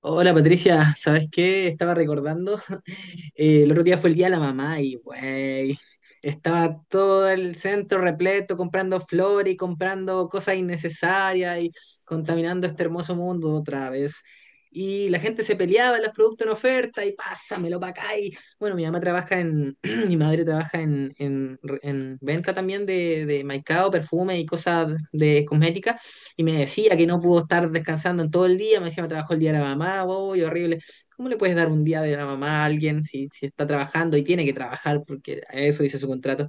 Hola Patricia, ¿sabes qué? Estaba recordando, el otro día fue el día de la mamá y, güey, estaba todo el centro repleto comprando flores y comprando cosas innecesarias y contaminando este hermoso mundo otra vez. Y la gente se peleaba los productos en oferta y pásamelo para acá. Y bueno, mi mamá trabaja mi madre trabaja en venta también de maicao, perfume y cosas de cosmética y me decía que no pudo estar descansando en todo el día, me decía, me trabajó el día de la mamá, wow, y horrible. ¿Cómo le puedes dar un día de la mamá a alguien si está trabajando y tiene que trabajar porque a eso dice su contrato?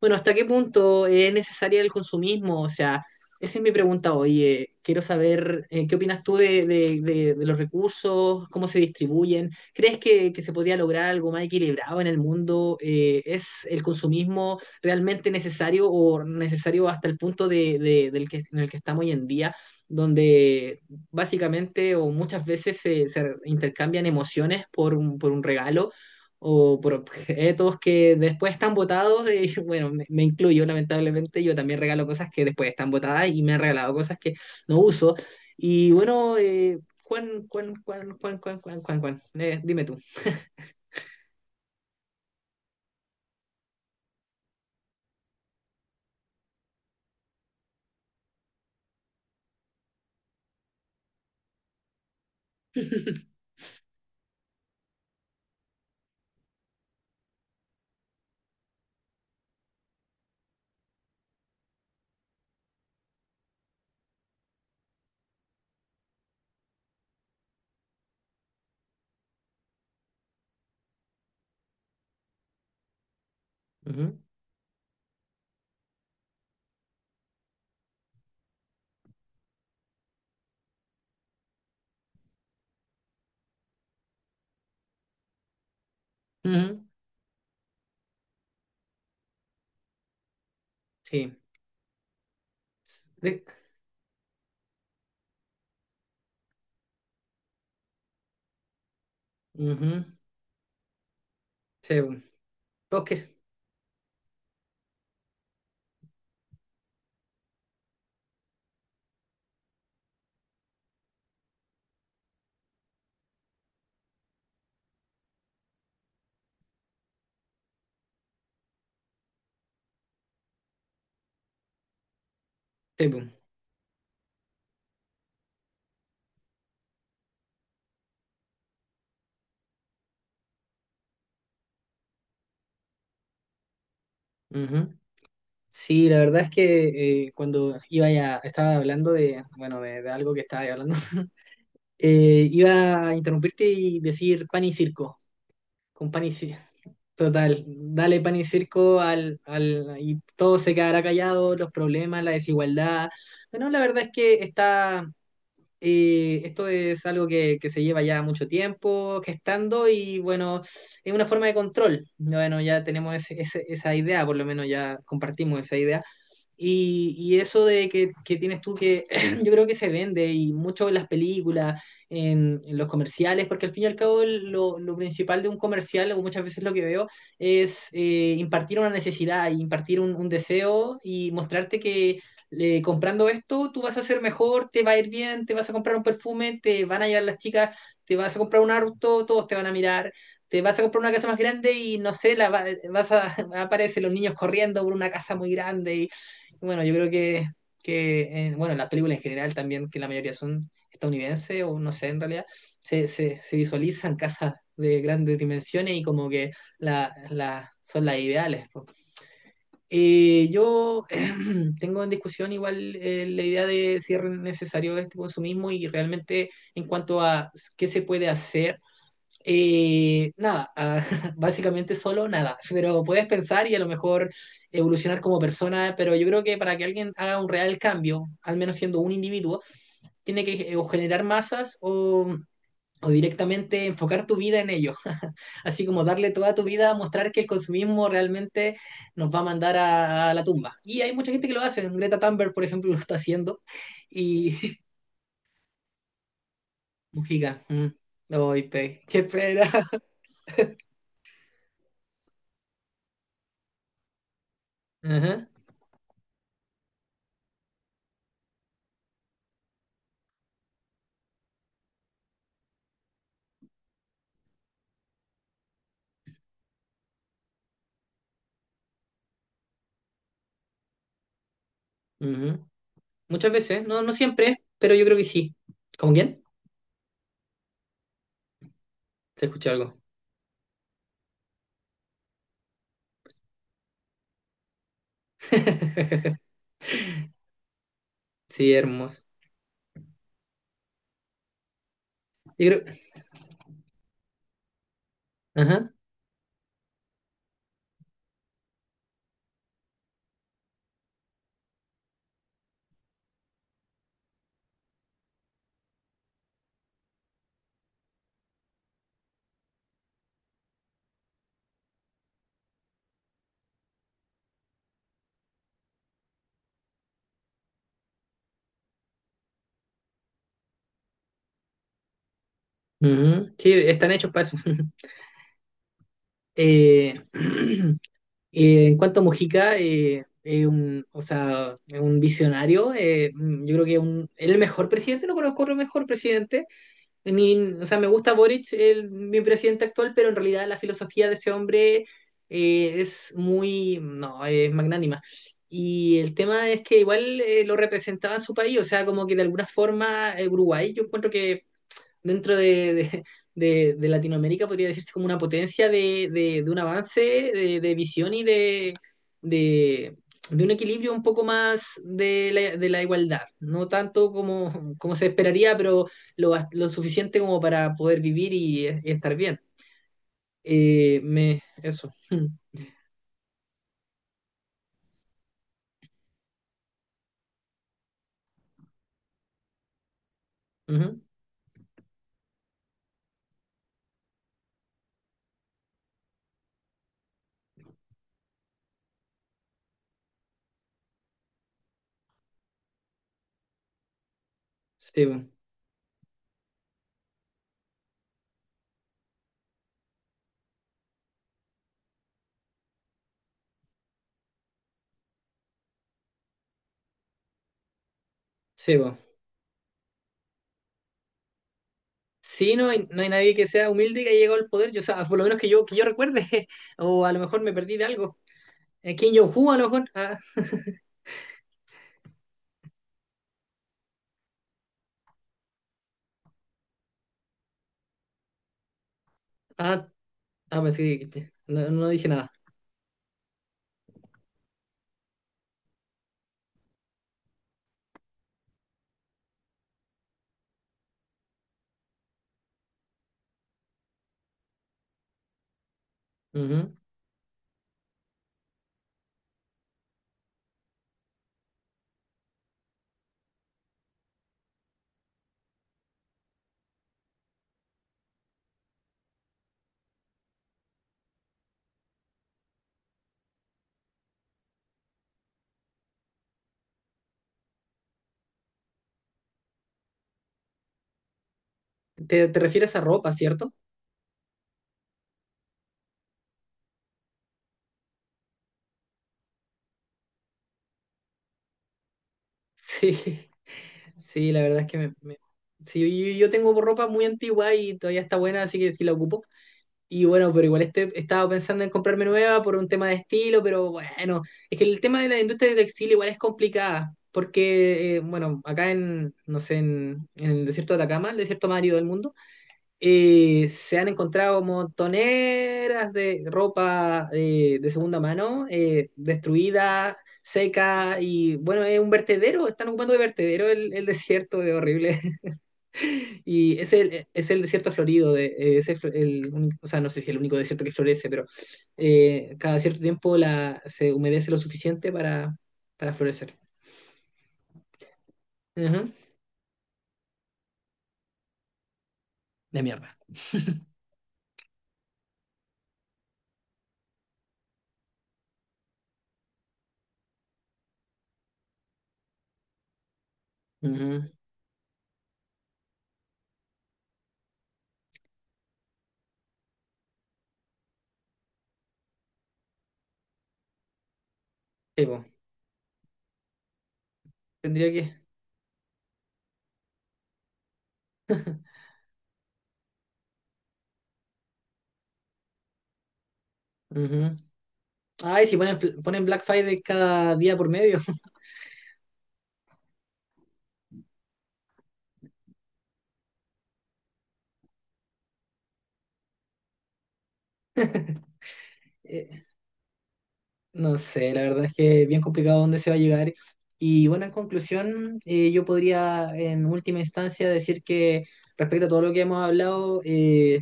Bueno, ¿hasta qué punto es necesario el consumismo? O sea, esa es mi pregunta hoy. Quiero saber, qué opinas tú de los recursos, cómo se distribuyen. ¿Crees que se podría lograr algo más equilibrado en el mundo? Es el consumismo realmente necesario o necesario hasta el punto del que, en el que estamos hoy en día, donde básicamente o muchas veces se intercambian emociones por por un regalo? ¿O por objetos que después están botados? Y bueno, me incluyo lamentablemente, yo también regalo cosas que después están botadas y me han regalado cosas que no uso. Y bueno, dime tú. Ujú, ujú, sí. De- Ujú, sí, bu. Todos que- sí, bu. Ujú. Sí, la verdad es que cuando iba ya, estaba hablando de, bueno, de algo que estaba hablando, iba a interrumpirte y decir pan y circo. Con pan y ci- Total, dale pan y circo y todo se quedará callado, los problemas, la desigualdad. Bueno, la verdad es que está, esto es algo que se lleva ya mucho tiempo gestando y bueno, es una forma de control. Bueno, ya tenemos esa idea, por lo menos ya compartimos esa idea. Y y eso de que tienes tú que yo creo que se vende y mucho en las películas, en los comerciales, porque al fin y al cabo lo principal de un comercial, o muchas veces lo que veo, es, impartir una necesidad, impartir un deseo y mostrarte que, comprando esto tú vas a ser mejor, te va a ir bien, te vas a comprar un perfume, te van a llevar las chicas, te vas a comprar un auto, todos te van a mirar, te vas a comprar una casa más grande y no sé, vas a, aparecen los niños corriendo por una casa muy grande. Bueno, yo creo que bueno, las películas en general también, que la mayoría son estadounidenses o no sé, en realidad, se visualizan casas de grandes dimensiones y como que son las ideales. Po. Yo tengo en discusión igual, la idea de si es necesario este consumismo y realmente en cuanto a qué se puede hacer, nada, ah, básicamente solo nada, pero puedes pensar y a lo mejor evolucionar como persona, pero yo creo que para que alguien haga un real cambio, al menos siendo un individuo, tiene que, o generar masas o directamente enfocar tu vida en ello, así como darle toda tu vida a mostrar que el consumismo realmente nos va a mandar a la tumba. Y hay mucha gente que lo hace, Greta Thunberg, por ejemplo, lo está haciendo, y Mujica, mm, ay, qué pena. Ajá, ujú. Muchas veces, no, no siempre, pero yo creo que sí. ¿Con quién? Te escuché algo. Sí, hermoso. Yo creo. Ajá. Ujú. Sí, están hechos para eso. Eh, en cuanto a Mujica, es un, o sea, es un visionario. Mm, yo creo que es el mejor presidente, no conozco otro mejor presidente. O sea, me gusta Boric, mi presidente actual, pero en realidad la filosofía de ese hombre, es muy, no, es magnánima. Y el tema es que igual, lo representaba en su país, o sea, como que de alguna forma, Uruguay, yo encuentro que dentro de Latinoamérica podría decirse como una potencia de un avance, de visión y de, de un equilibrio un poco más de de la igualdad. No tanto como, como se esperaría, pero lo suficiente como para poder vivir y estar bien. Eso. Mm, ujú. Sí, bo. Sí, bo. Sí, no hay, no hay nadie que sea humilde y que haya llegado al poder. Yo, o sea, por lo menos que yo recuerde, o a lo mejor me perdí de algo. Kim Jong-un, a lo mejor. Ah, ah, ah, pues sí, dijiste. No, no dije nada. Ujú. ¿Te, te refieres a ropa, cierto? Sí, sí, la verdad es que sí, yo tengo ropa muy antigua y todavía está buena, así que sí la ocupo. Y bueno, pero igual estoy, estaba pensando en comprarme nueva por un tema de estilo, pero bueno, es que el tema de la industria de textil igual es complicada, porque, bueno, acá en, no sé, en el desierto de Atacama, el desierto más árido del mundo. Y se han encontrado montoneras de ropa, de segunda mano, destruida, seca, y bueno, es un vertedero, están ocupando de vertedero el desierto de horrible. Y es el desierto florido, de, es el, o sea, no sé si es el único desierto que florece, pero cada cierto tiempo se humedece lo suficiente para florecer. Ujú. De mierda. Ujú. Sí, po. Tendría que... ujú. Ay, si ponen, ponen Black Friday cada día por medio. Eh, no sé, la verdad es que es bien complicado dónde se va a llegar. Y bueno, en conclusión, yo podría en última instancia decir que respecto a todo lo que hemos hablado,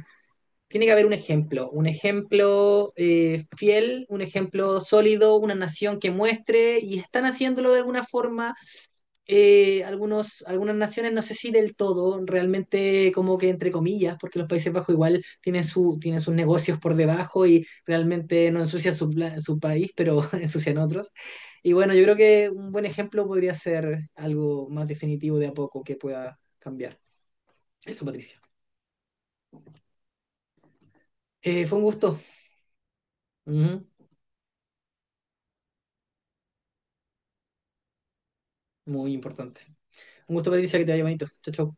tiene que haber un ejemplo, un ejemplo, fiel, un ejemplo sólido, una nación que muestre y están haciéndolo de alguna forma, algunos, algunas naciones, no sé si del todo, realmente como que entre comillas, porque los Países Bajos igual tienen, su, tienen sus negocios por debajo y realmente no ensucian su país, pero ensucian otros. Y bueno, yo creo que un buen ejemplo podría ser algo más definitivo de a poco que pueda cambiar. Eso, Patricia. Fue un gusto. Ujú, muy importante. Un gusto, Patricia, que te haya bonito. Chao, chao.